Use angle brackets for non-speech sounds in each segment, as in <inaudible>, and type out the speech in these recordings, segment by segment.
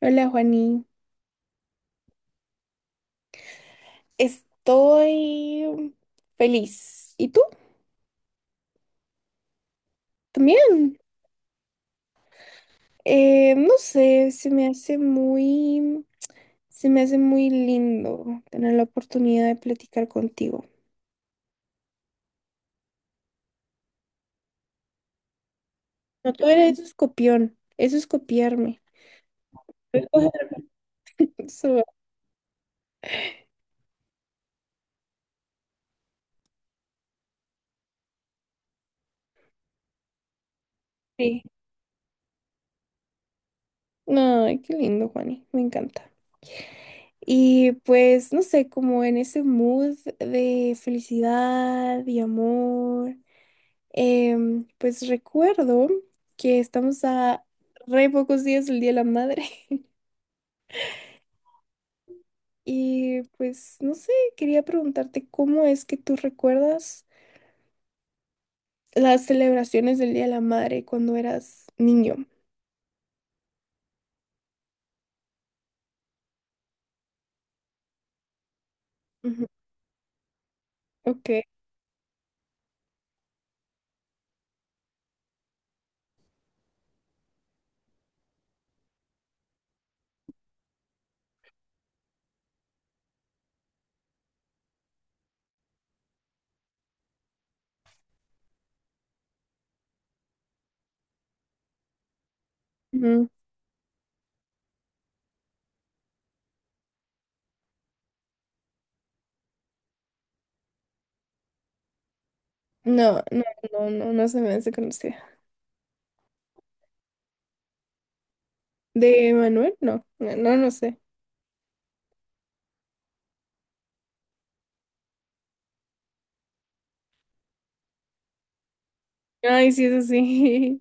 Hola, Juani. Estoy feliz. ¿Y tú? También. No sé, se me hace muy lindo tener la oportunidad de platicar contigo. No, tú eres eso es eso es copiarme. <laughs> Eso, sí. No, ay, qué lindo, Juani. Me encanta. Y pues, no sé, como en ese mood de felicidad y amor. Pues recuerdo que estamos a re pocos días del Día de la Madre. <laughs> Y pues no sé, quería preguntarte cómo es que tú recuerdas las celebraciones del Día de la Madre cuando eras niño. Ujú. Ok. Ujú. No, no, no, no, no se me hace conocida. ¿De Manuel? No, no, no, no sé. Ay, sí, es así.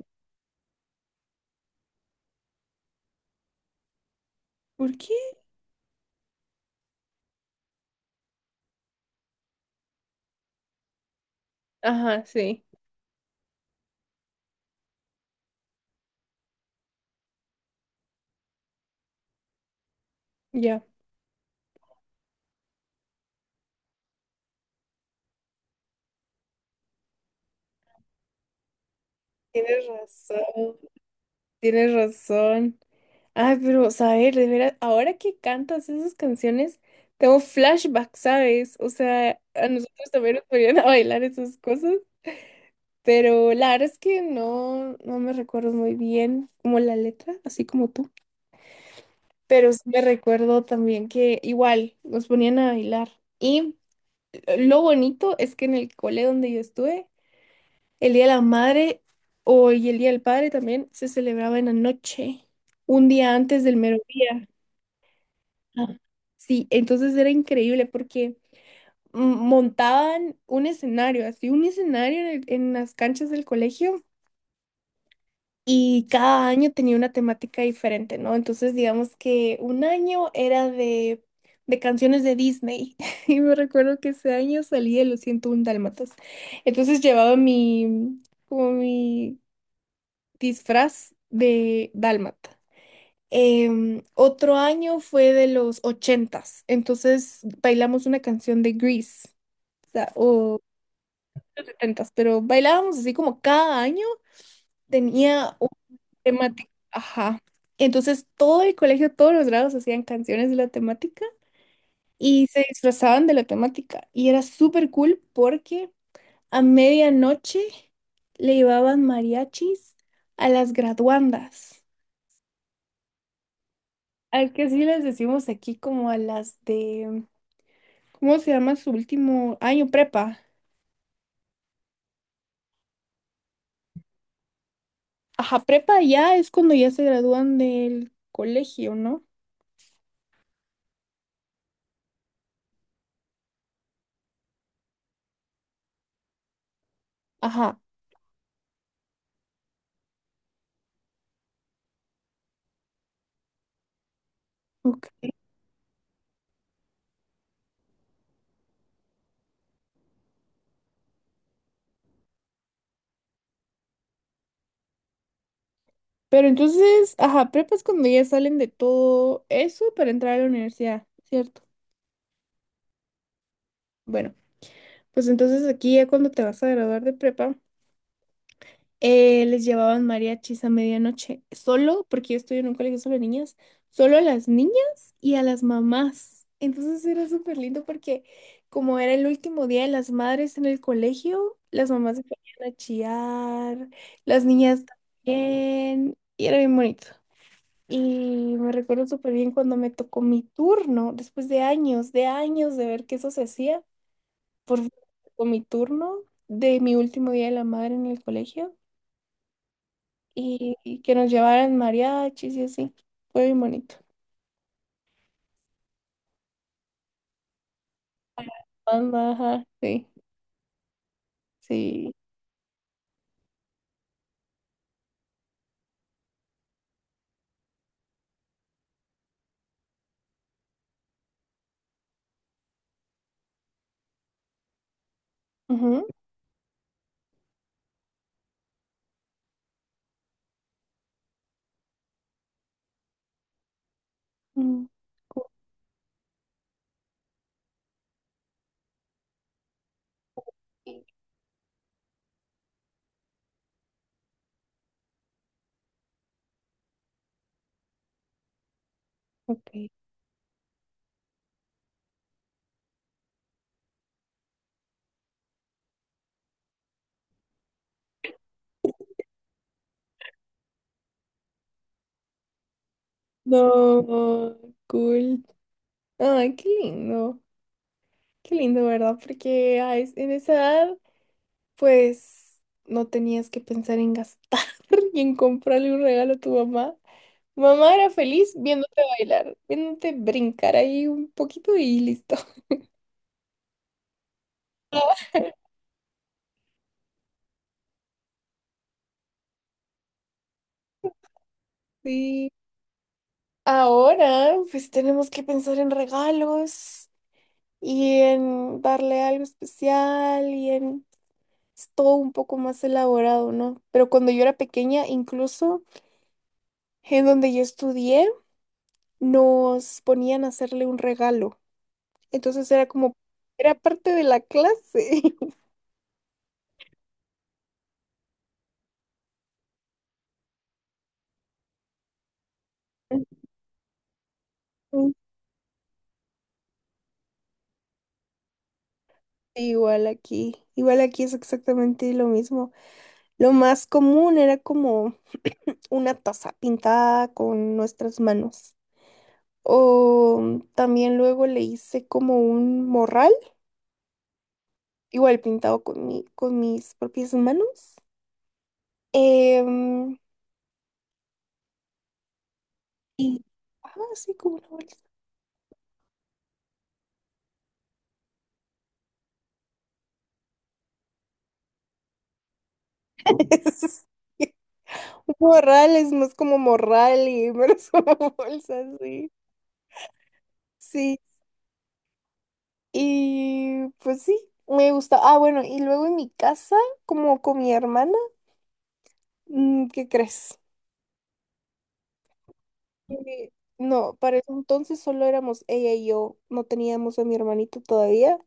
<laughs> ¿Por qué? Ajá, sí, ya. Tienes razón. Tienes razón. Ay, pero, saber, de veras, ahora que cantas esas canciones, tengo flashbacks, ¿sabes? O sea, a nosotros también nos ponían a bailar esas cosas, pero la verdad es que no, no me recuerdo muy bien como la letra, así como tú. Pero sí me recuerdo también que igual nos ponían a bailar. Y lo bonito es que en el cole donde yo estuve, el Día de la Madre o y el Día del Padre también se celebraba en la noche, un día antes del mediodía. Ah. Sí, entonces era increíble porque, mm, montaban un escenario, así un escenario en, en las canchas del colegio, y cada año tenía una temática diferente, ¿no? Entonces digamos que un año era de canciones de Disney. <laughs> Y me recuerdo que ese año salí de Los 101 Dálmatas. Entonces llevaba mi, como mi disfraz de dálmata. Otro año fue de los ochentas, entonces bailamos una canción de Grease, o sea, o setentas, pero bailábamos así como cada año tenía un temática, ajá. Entonces todo el colegio, todos los grados hacían canciones de la temática y se disfrazaban de la temática y era súper cool porque a medianoche le llevaban mariachis a las graduandas, al que sí les decimos aquí como a las de, ¿cómo se llama su último año? Prepa. Ajá, prepa ya es cuando ya se gradúan del colegio, ¿no? Ajá, ok. Pero entonces, ajá, prepa es cuando ya salen de todo eso para entrar a la universidad, ¿cierto? Bueno, pues entonces aquí ya cuando te vas a graduar de prepa, les llevaban mariachis a medianoche, solo, porque yo estoy en un colegio solo de niñas, solo a las niñas y a las mamás. Entonces era súper lindo porque como era el último día de las madres en el colegio, las mamás se ponían a chillar, las niñas también, y era bien bonito. Y me recuerdo súper bien cuando me tocó mi turno, después de años, de años de ver que eso se hacía, por fin me tocó mi turno de mi último día de la madre en el colegio y que nos llevaran mariachis y así. Fue bien bonito. Banda, ajá, sí, sí. Ujú, mm, cool. Ok. No, cool. Ay, qué lindo. Qué lindo, ¿verdad? Porque en esa edad, pues, no tenías que pensar en gastar <laughs> y en comprarle un regalo a tu mamá. Mamá era feliz viéndote bailar, viéndote brincar ahí un poquito y listo. <laughs> Sí. Ahora, pues tenemos que pensar en regalos y en darle algo especial y en, es todo un poco más elaborado, ¿no? Pero cuando yo era pequeña, incluso en donde yo estudié, nos ponían a hacerle un regalo. Entonces era como, era parte de la clase. <laughs> Ujú. Igual aquí es exactamente lo mismo. Lo más común era como una taza pintada con nuestras manos. O también luego le hice como un morral, igual pintado con mi, con mis propias manos. Em, y, ajá, sí, como una bolsa. <laughs> Un morral es más como morral y menos como <laughs> bolsa, sí. Sí, y pues sí, me gusta. Ah, bueno, y luego en mi casa, como con mi hermana, mm, ¿qué crees? Eh, No, para ese entonces solo éramos ella y yo, no teníamos a mi hermanito todavía.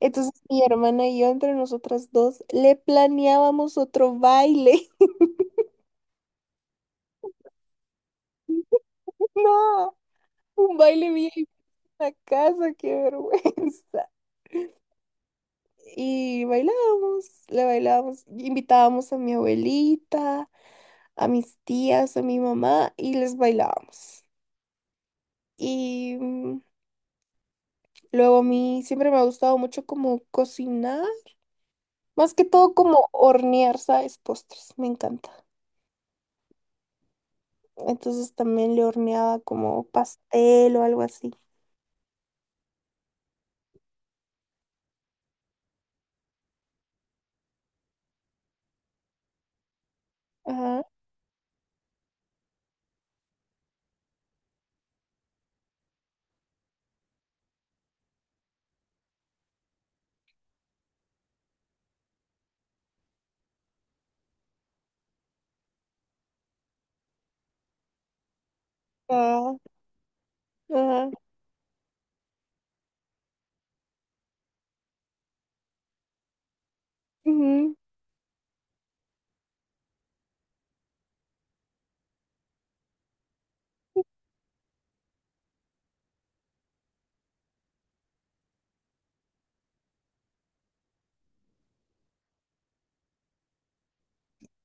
Entonces mi hermana y yo, entre nosotras dos, le planeábamos otro baile. <laughs> No, un baile bien en la casa, qué vergüenza. Y bailábamos, le bailábamos, invitábamos a mi abuelita, a mis tías, a mi mamá y les bailábamos. Y, luego a mí siempre me ha gustado mucho como cocinar, más que todo como hornear, ¿sabes? Postres, me encanta. Entonces también le horneaba como pastel o algo así. Ajá, ah, ajá. Ujú.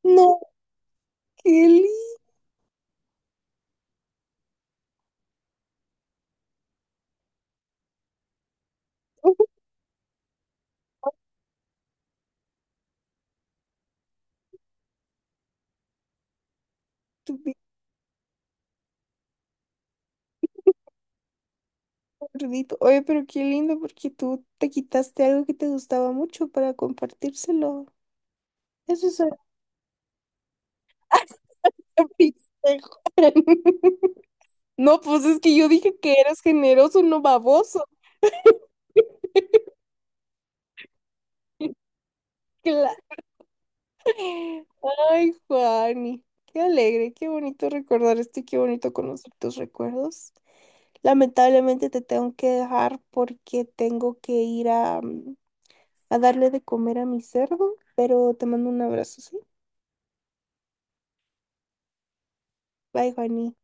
No, qué lindo. <laughs> Tu pico gordito. Oye, pero qué lindo porque tú te quitaste algo que te gustaba mucho para compartírselo. Eso es algo que me hice, Juan. <laughs> No, pues es que yo dije que eras generoso, no baboso. <laughs> Claro. Ay, Juani. Qué alegre, qué bonito recordar esto y qué bonito conocer tus recuerdos. Lamentablemente te tengo que dejar porque tengo que ir a darle de comer a mi cerdo, pero te mando un abrazo, ¿sí? Bye, Juani.